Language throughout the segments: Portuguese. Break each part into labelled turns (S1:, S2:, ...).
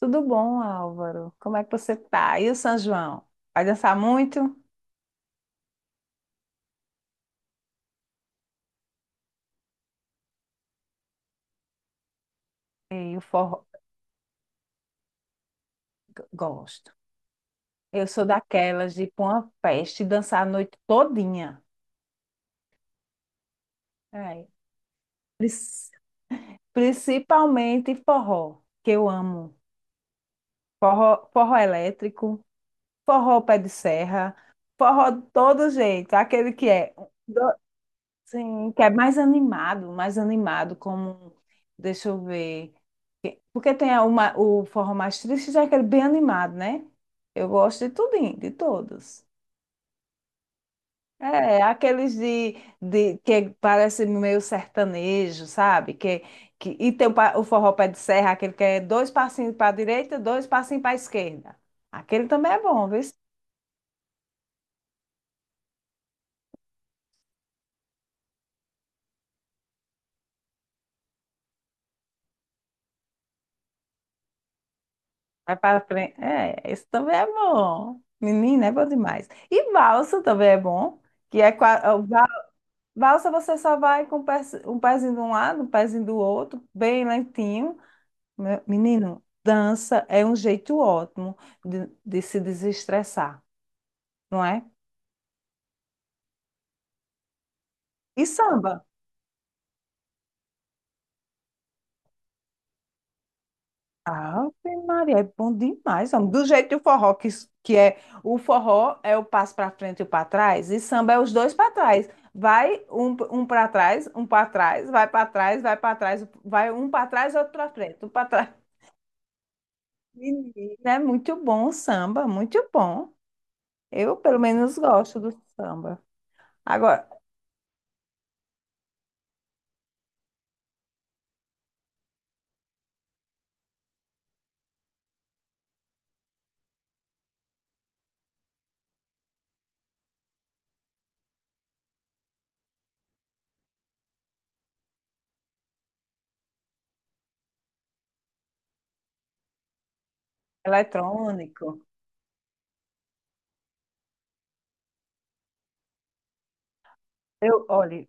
S1: Tudo bom, Álvaro? Como é que você tá? E o São João? Vai dançar muito? E o forró? Gosto. Eu sou daquelas de ir pra uma festa e dançar a noite todinha. É. Pris- Principalmente forró, que eu amo. Forró, forró elétrico, forró pé de serra, forró de todo jeito. Aquele que é, do- sim, que é mais animado, como, deixa eu ver. Porque tem uma, o forró mais triste, já é aquele bem animado, né? Eu gosto de tudinho, de todos. É aqueles de, que parece meio sertanejo, sabe? E tem o forró pé de serra, aquele que é dois passinhos para a direita, dois passinhos para a esquerda. Aquele também é bom, viu? Vai para frente. É, esse também é bom. Menina, é bom demais. E valsa também é bom, que é valsa, você só vai com um pezinho de um lado, um pezinho do outro, bem lentinho. Menino, dança é um jeito ótimo de se desestressar, não é? E samba? Ah, Maria, é bom demais, homem. Do jeito do forró, que é, o forró é o passo para frente e o para trás, e samba é os dois para trás. Vai um para trás, vai para trás, vai para trás, vai um para trás, outro para frente, um para trás. Menino, é muito bom o samba, muito bom. Eu, pelo menos, gosto do samba. Agora, eletrônico. Eu, olhe,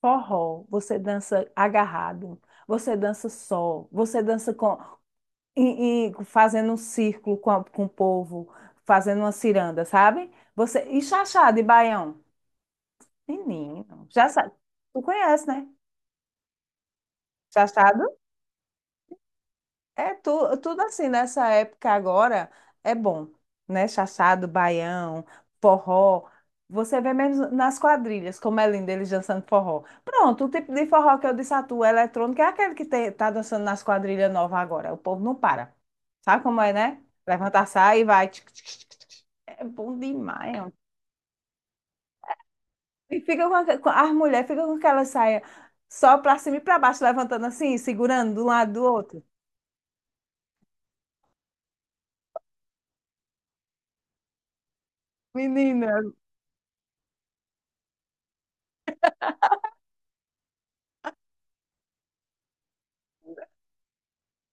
S1: forró, você dança agarrado, você dança só, você dança com, e fazendo um círculo com o povo, fazendo uma ciranda, sabe? Você e chachado e baião. Menino, já sabe. Tu conhece, né? Chachado. É tu, tudo assim, nessa época agora é bom, né? Chachado, baião, forró. Você vê mesmo nas quadrilhas, como é lindo eles dançando forró. Pronto, o tipo de forró que eu disse a tu, eletrônico, é aquele que te, tá dançando nas quadrilhas novas agora. O povo não para. Sabe como é, né? Levanta, sai e vai. Tchic, tchic, tchic, tchic, tchic. É bom demais, ó. E fica com, aque- com- As mulheres ficam com aquela saia só pra cima e pra baixo, levantando assim, segurando de um lado do outro. Menina,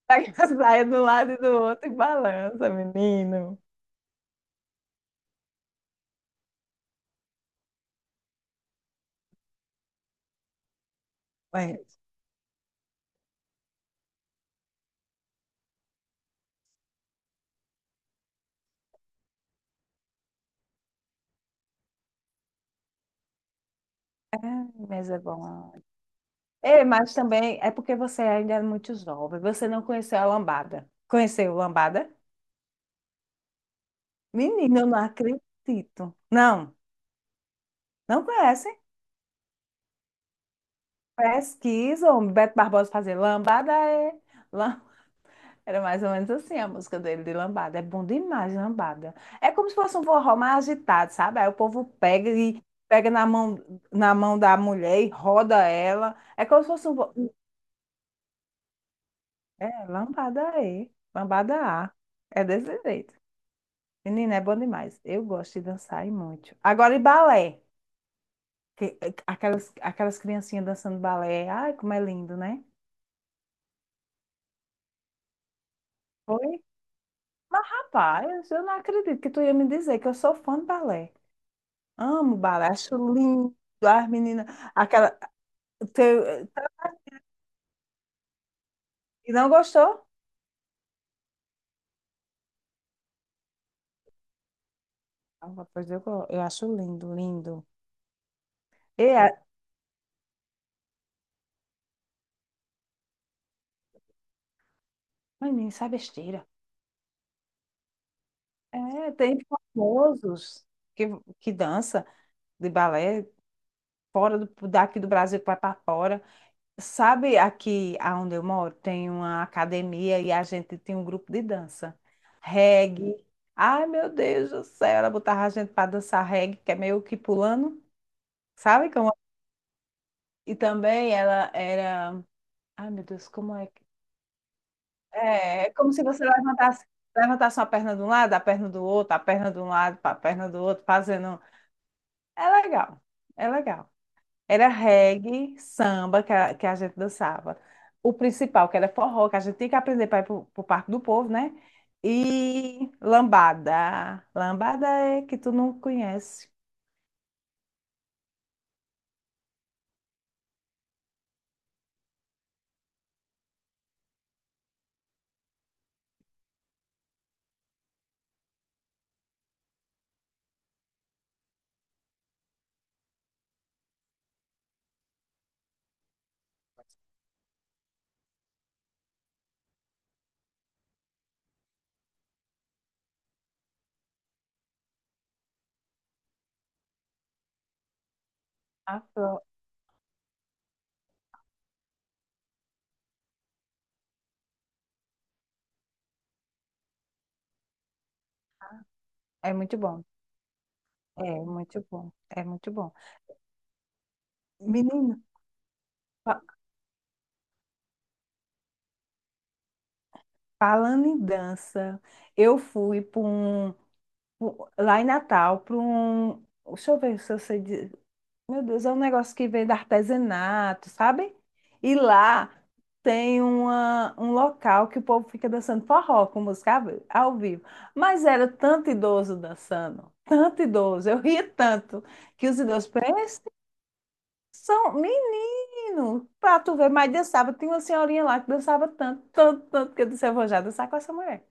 S1: pega a saia do lado e do outro e balança, menino. Mas, é, mas é bom. É, mas também é porque você ainda é muito jovem. Você não conheceu a lambada. Conheceu a lambada? Menino, eu não acredito. Não, não conhece? Pesquisa. O Beto Barbosa fazer lambada. É, era mais ou menos assim a música dele de lambada. É bom demais, lambada. É como se fosse um forró mais agitado, sabe? Aí o povo pega na mão da mulher e roda ela. É como se fosse um... é, lambada E, lambada A. É desse jeito. Menina, é bom demais. Eu gosto de dançar e muito. Agora, e balé. Aquelas criancinhas dançando balé. Ai, como é lindo, né? Foi? Rapaz, eu não acredito que tu ia me dizer que eu sou fã de balé. Amo baracho lindo. As meninas. Aquela. teu- E não gostou? Ah, pois eu, eu acho lindo, lindo. E a... Menino, isso é besteira. É, tem famosos que, que dança de balé fora daqui do Brasil, que vai para fora. Sabe, aqui onde eu moro tem uma academia e a gente tem um grupo de dança. Reggae. Ai, meu Deus do céu, ela botava a gente para dançar reggae, que é meio que pulando. Sabe como. E também ela era. Ai, meu Deus, como é que. É como se você levantasse uma perna de um lado, a perna do outro, a perna de um lado, a perna do outro, fazendo. É legal, é legal. Era reggae, samba que a gente dançava. O principal, que era forró, que a gente tinha que aprender para ir para o Parque do Povo, né? E lambada. Lambada é que tu não conhece. Afro. É muito bom. É muito bom. É muito bom. Menino. Falando em dança, eu fui para um, lá em Natal, para um, deixa eu ver se eu sei, meu Deus, é um negócio que vem do artesanato, sabe? E lá tem um local que o povo fica dançando forró com música ao vivo. Mas era tanto idoso dançando, tanto idoso, eu ria tanto que os idosos... Presta atenção, menino, pra tu ver, mas dançava. Tinha uma senhorinha lá que dançava tanto, tanto, tanto, que eu disse, eu vou já dançar com essa mulher.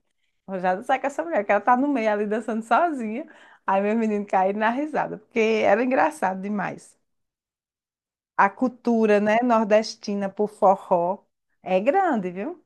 S1: Rojada, sai com essa mulher, que ela tá no meio ali dançando sozinha. Aí meu menino caiu na risada, porque era engraçado demais. A cultura, né, nordestina por forró é grande, viu?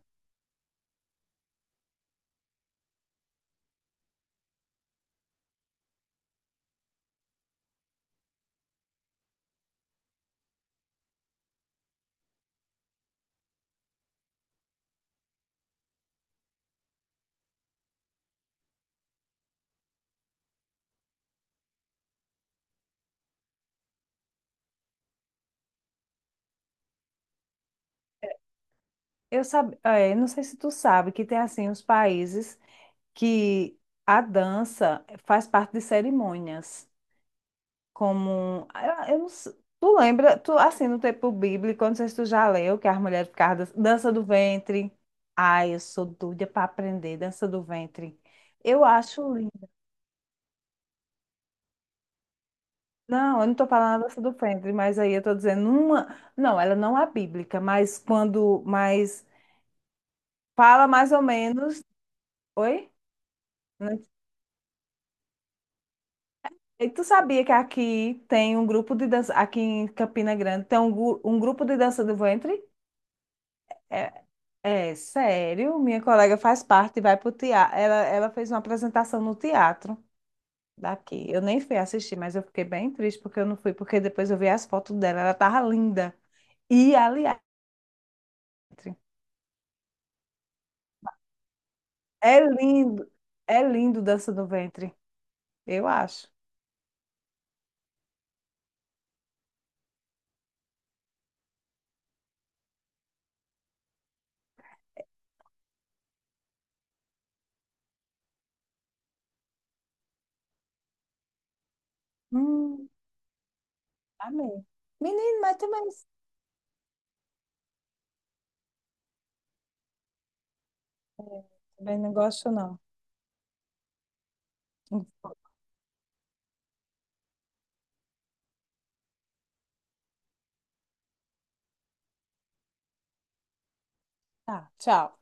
S1: Eu, sabe, é, não sei se tu sabe que tem assim os países que a dança faz parte de cerimônias. Como. Ah, eu, não sei. Tu lembra, tu, assim, no tempo bíblico, eu não sei se tu já leu, que as mulheres ficavam dança do ventre. Ai, eu sou doida para aprender dança do ventre. Eu acho lindo. Não, eu não estou falando da dança do ventre, mas aí eu estou dizendo uma. Não, ela não é bíblica, mas quando. Mas fala mais ou menos. Oi? Não- E tu sabia que aqui tem um grupo de dança? Aqui em Campina Grande tem um grupo de dança do ventre. É. É, sério, minha colega faz parte e vai pro teatro. Ela fez uma apresentação no teatro daqui. Eu nem fui assistir, mas eu fiquei bem triste porque eu não fui, porque depois eu vi as fotos dela, ela tava linda. E, aliás, é lindo, é lindo, dança do ventre, eu acho. Hum, amei. Menino, mas também não gosto, não. Tá, tchau.